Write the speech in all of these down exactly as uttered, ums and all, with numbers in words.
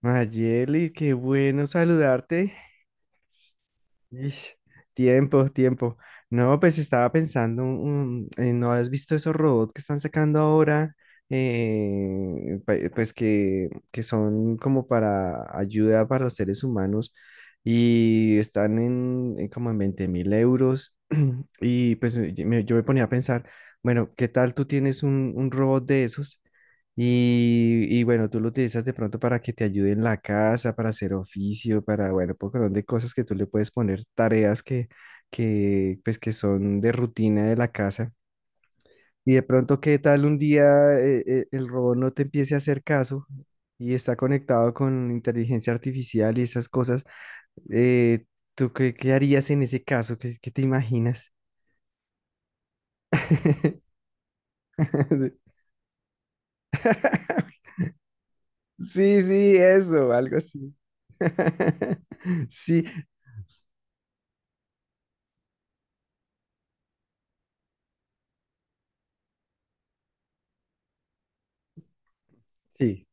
Mayeli, qué bueno saludarte. Ish, tiempo, tiempo. No, pues estaba pensando, un- eh, ¿no has visto esos robots que están sacando ahora? Eh, pa- pues que, que son como para ayuda para los seres humanos y están en, en como en veinte mil euros. Y pues eh, yo me, yo me ponía a pensar, bueno, ¿qué tal tú tienes un, un robot de esos? Y, y bueno, tú lo utilizas de pronto para que te ayude en la casa, para hacer oficio, para, bueno, un montón de cosas que tú le puedes poner, tareas que, que, pues, que son de rutina de la casa. Y de pronto, ¿qué tal un día eh, eh, el robot no te empiece a hacer caso y está conectado con inteligencia artificial y esas cosas? Eh, ¿Tú qué, qué harías en ese caso? ¿Qué, qué te imaginas? Sí, sí, eso, algo así. Sí, sí.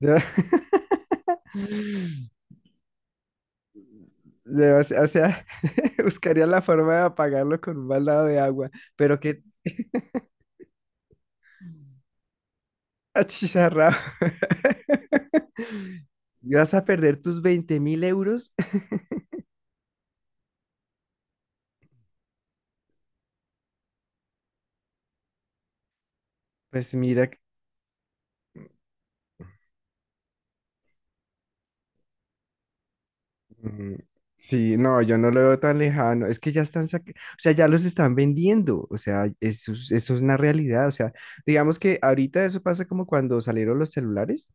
Yo, yo, o sea, o sea, buscaría la forma de apagarlo con un baldado de agua, pero qué achicharrado. ¿Vas a perder tus veinte mil euros? Pues mira. Mm, Sí, no, yo no lo veo tan lejano. Es que ya están sac- o sea, ya los están vendiendo. O sea, eso, es- eso es una realidad. O sea, digamos que ahorita eso pasa como cuando salieron los celulares,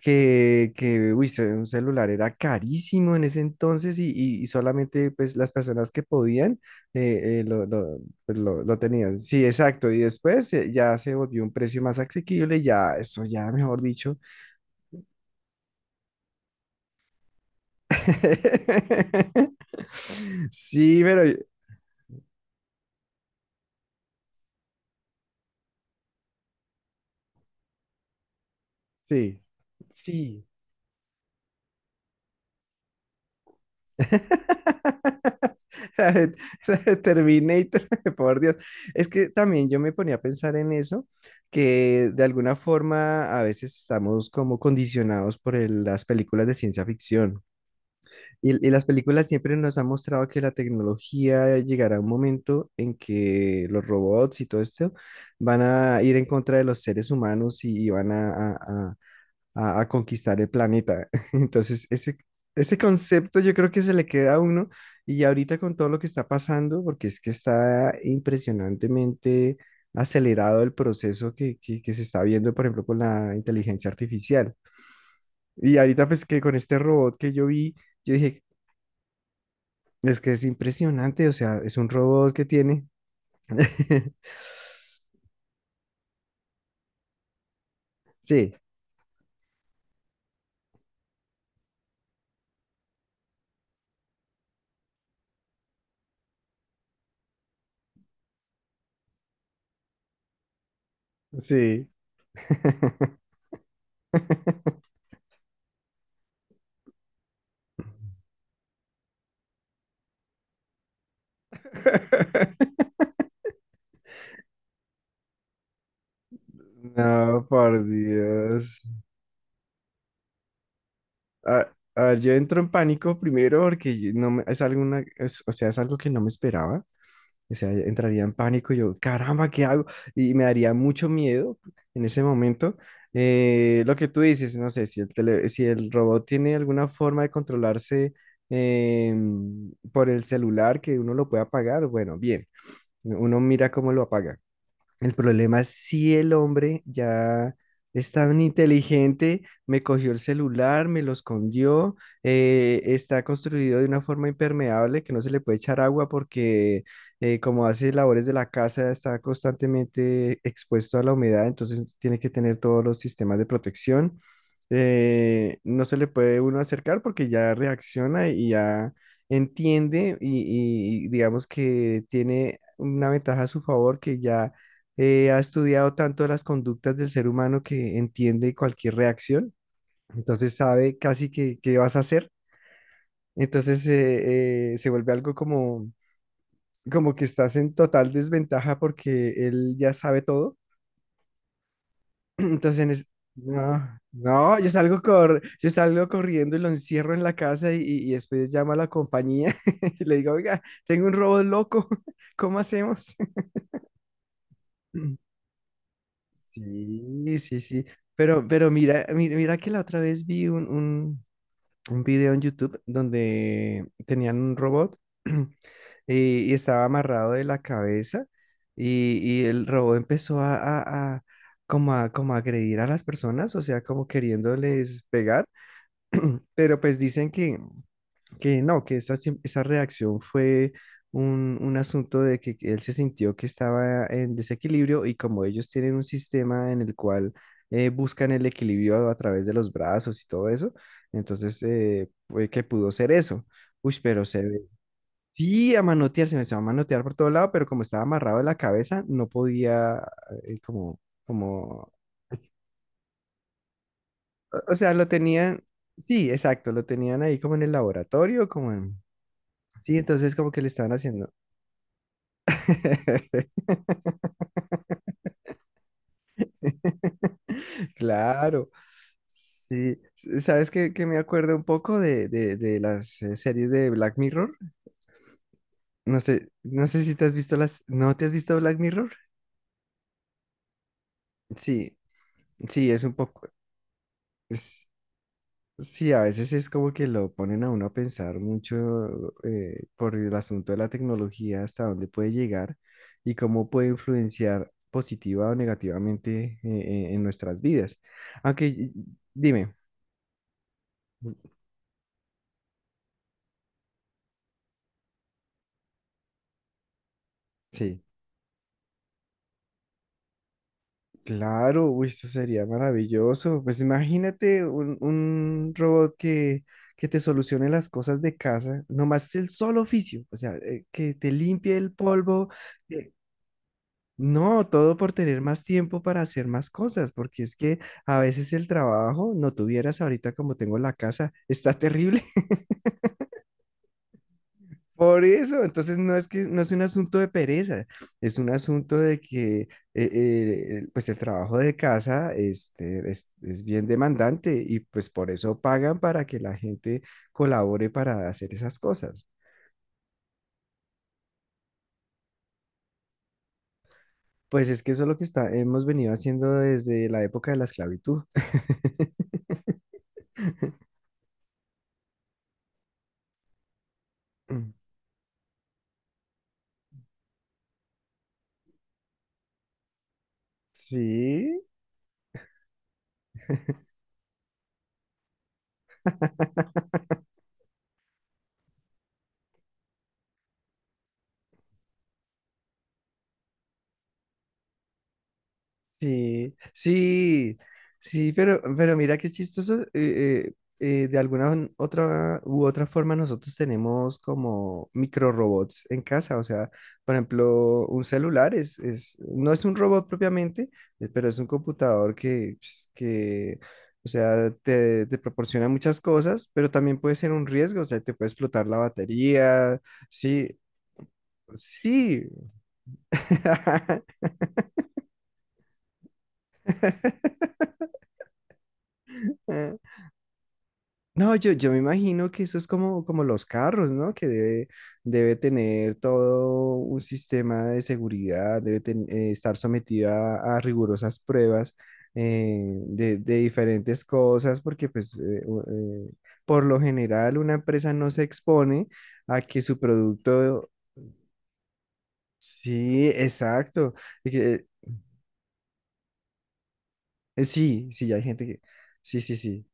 que, que uy, se- un celular era carísimo en ese entonces y, y- y solamente pues las personas que podían eh, eh, lo, lo, pues, lo- lo tenían. Sí, exacto. Y después eh, ya se volvió un precio más asequible, ya, eso ya, mejor dicho. Sí, pero. Sí, sí. La de, la de Terminator, por Dios. Es que también yo me ponía a pensar en eso, que de alguna forma a veces estamos como condicionados por el- las películas de ciencia ficción. Y, y las películas siempre nos han mostrado que la tecnología llegará a un momento en que los robots y todo esto van a ir en contra de los seres humanos y, y van a, a- a- a, a conquistar el planeta. Entonces, ese, ese concepto yo creo que se le queda a uno y ahorita con todo lo que está pasando, porque es que está impresionantemente acelerado el proceso que, que, que se está viendo, por ejemplo, con la inteligencia artificial. Y ahorita pues que con este robot que yo vi, yo dije, es que es impresionante, o sea, es un robot que tiene. Sí, sí. No, por Dios. A, a ver, yo entro en pánico primero porque yo no me- es alguna, es- o sea, es algo que no me esperaba. O sea, entraría en pánico y yo, caramba, ¿qué hago? Y me daría mucho miedo en ese momento. Eh, lo que tú dices, no sé, si el tele- si el robot tiene alguna forma de controlarse em, por el celular que uno lo pueda apagar, bueno, bien, uno mira cómo lo apaga. El problema es si el hombre ya es tan inteligente, me cogió el celular, me lo escondió, eh, está construido de una forma impermeable que no se le puede echar agua porque eh, como hace labores de la casa está constantemente expuesto a la humedad, entonces tiene que tener todos los sistemas de protección. Eh, no se le puede uno acercar porque ya reacciona y ya entiende y y digamos que tiene una ventaja a su favor que ya eh, ha estudiado tanto las conductas del ser humano que entiende cualquier reacción, entonces sabe casi que qué vas a hacer, entonces eh, eh, se vuelve algo como, como, que estás en total desventaja porque él ya sabe todo. entonces en es- no, no, yo salgo, cor- yo salgo corriendo y lo encierro en la casa y, y y después llamo a la compañía y le digo, oiga, tengo un robot loco. ¿Cómo hacemos? Sí, sí, sí. Pero, pero mira, mira, mira que la otra vez vi un, un, un video en YouTube donde tenían un robot y, y estaba amarrado de la cabeza, y, y el robot empezó a, a, a- como a, como a agredir a las personas, o sea, como queriéndoles pegar. Pero pues dicen que que no, que esa, sim- esa reacción fue un, un asunto de que él se sintió que estaba en desequilibrio y como ellos tienen un sistema en el cual eh, buscan el equilibrio a través de los brazos y todo eso, entonces eh, fue que pudo ser eso. Uy, pero se ve, sí, a manotear, se me empezó a manotear por todo lado, pero como estaba amarrado de la cabeza, no podía. eh, como, como, o sea, lo tenían, sí, exacto, lo tenían ahí como en el laboratorio, como en. Sí, entonces como que le estaban haciendo. Claro, sí. S- ¿Sabes qué, qué me acuerdo un poco de, de, de las eh, series de Black Mirror? No sé, no sé si te has visto las. ¿No te has visto Black Mirror? Sí, sí, es un poco. es- sí, a veces es como que lo ponen a uno a pensar mucho eh, por el asunto de la tecnología, hasta dónde puede llegar y cómo puede influenciar positiva o negativamente eh, eh, en nuestras vidas. Aunque, y- dime, sí. Claro, uy, esto sería maravilloso. Pues imagínate un, un robot que, que te solucione las cosas de casa, nomás el solo oficio, o sea, eh, que te limpie el polvo. que- No, todo por tener más tiempo para hacer más cosas, porque es que a veces el trabajo, no tuvieras ahorita como tengo la casa, está terrible. Por eso, entonces no es que no es un asunto de pereza, es un asunto de que eh, eh, pues el trabajo de casa este, es, es bien demandante y pues por eso pagan para que la gente colabore para hacer esas cosas. Pues es que eso es lo que está, hemos venido haciendo desde la época de la esclavitud. Sí. Sí, sí, sí, pero, pero mira qué chistoso. eh, eh, eh, de alguna un- otra u otra forma nosotros tenemos como micro robots en casa. O sea, por ejemplo, un celular es, es, no es un robot propiamente, eh, pero es un computador que, pues, que o sea, te, te proporciona muchas cosas, pero también puede ser un riesgo. O sea, te puede explotar la batería. Sí, sí. No, yo, yo me imagino que eso es como, como, los carros, ¿no? Que debe, debe tener todo un sistema de seguridad, debe ten- eh, estar sometido a, a rigurosas pruebas eh, de, de diferentes cosas, porque pues eh, u- eh, por lo general una empresa no se expone a que su producto. Sí, exacto. y que, eh, sí, sí, hay gente que. Sí, sí, sí.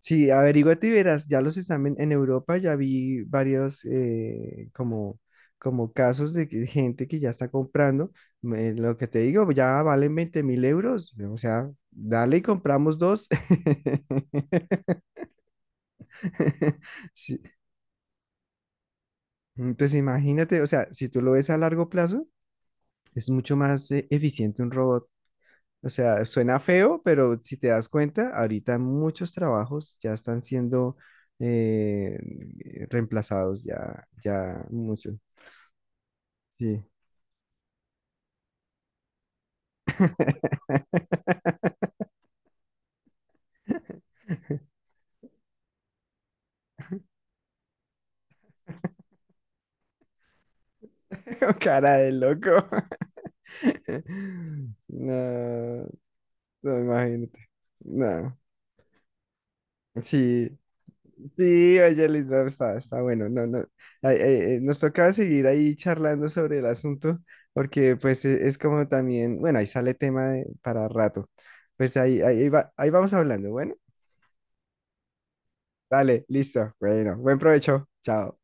Sí, averíguate y verás, ya los están en, en Europa, ya vi varios eh, como, como casos de que gente que ya está comprando, me- lo que te digo, ya valen veinte mil euros, o sea, dale y compramos dos. Sí, entonces imagínate, o sea, si tú lo ves a largo plazo, es mucho más eh, eficiente un robot. O sea, suena feo, pero si te das cuenta, ahorita muchos trabajos ya están siendo eh, reemplazados, ya, ya muchos. Sí. Cara de loco. No, no, imagínate. No. Sí. Sí, oye, Elisa, está, está bueno. No, no, ay, ay, eh, nos tocaba seguir ahí charlando sobre el asunto, porque pues e- es como también, bueno, ahí sale tema de- para rato. Pues ahí, ahí, va- ahí vamos hablando. Bueno, dale, listo. Bueno, buen provecho. Chao.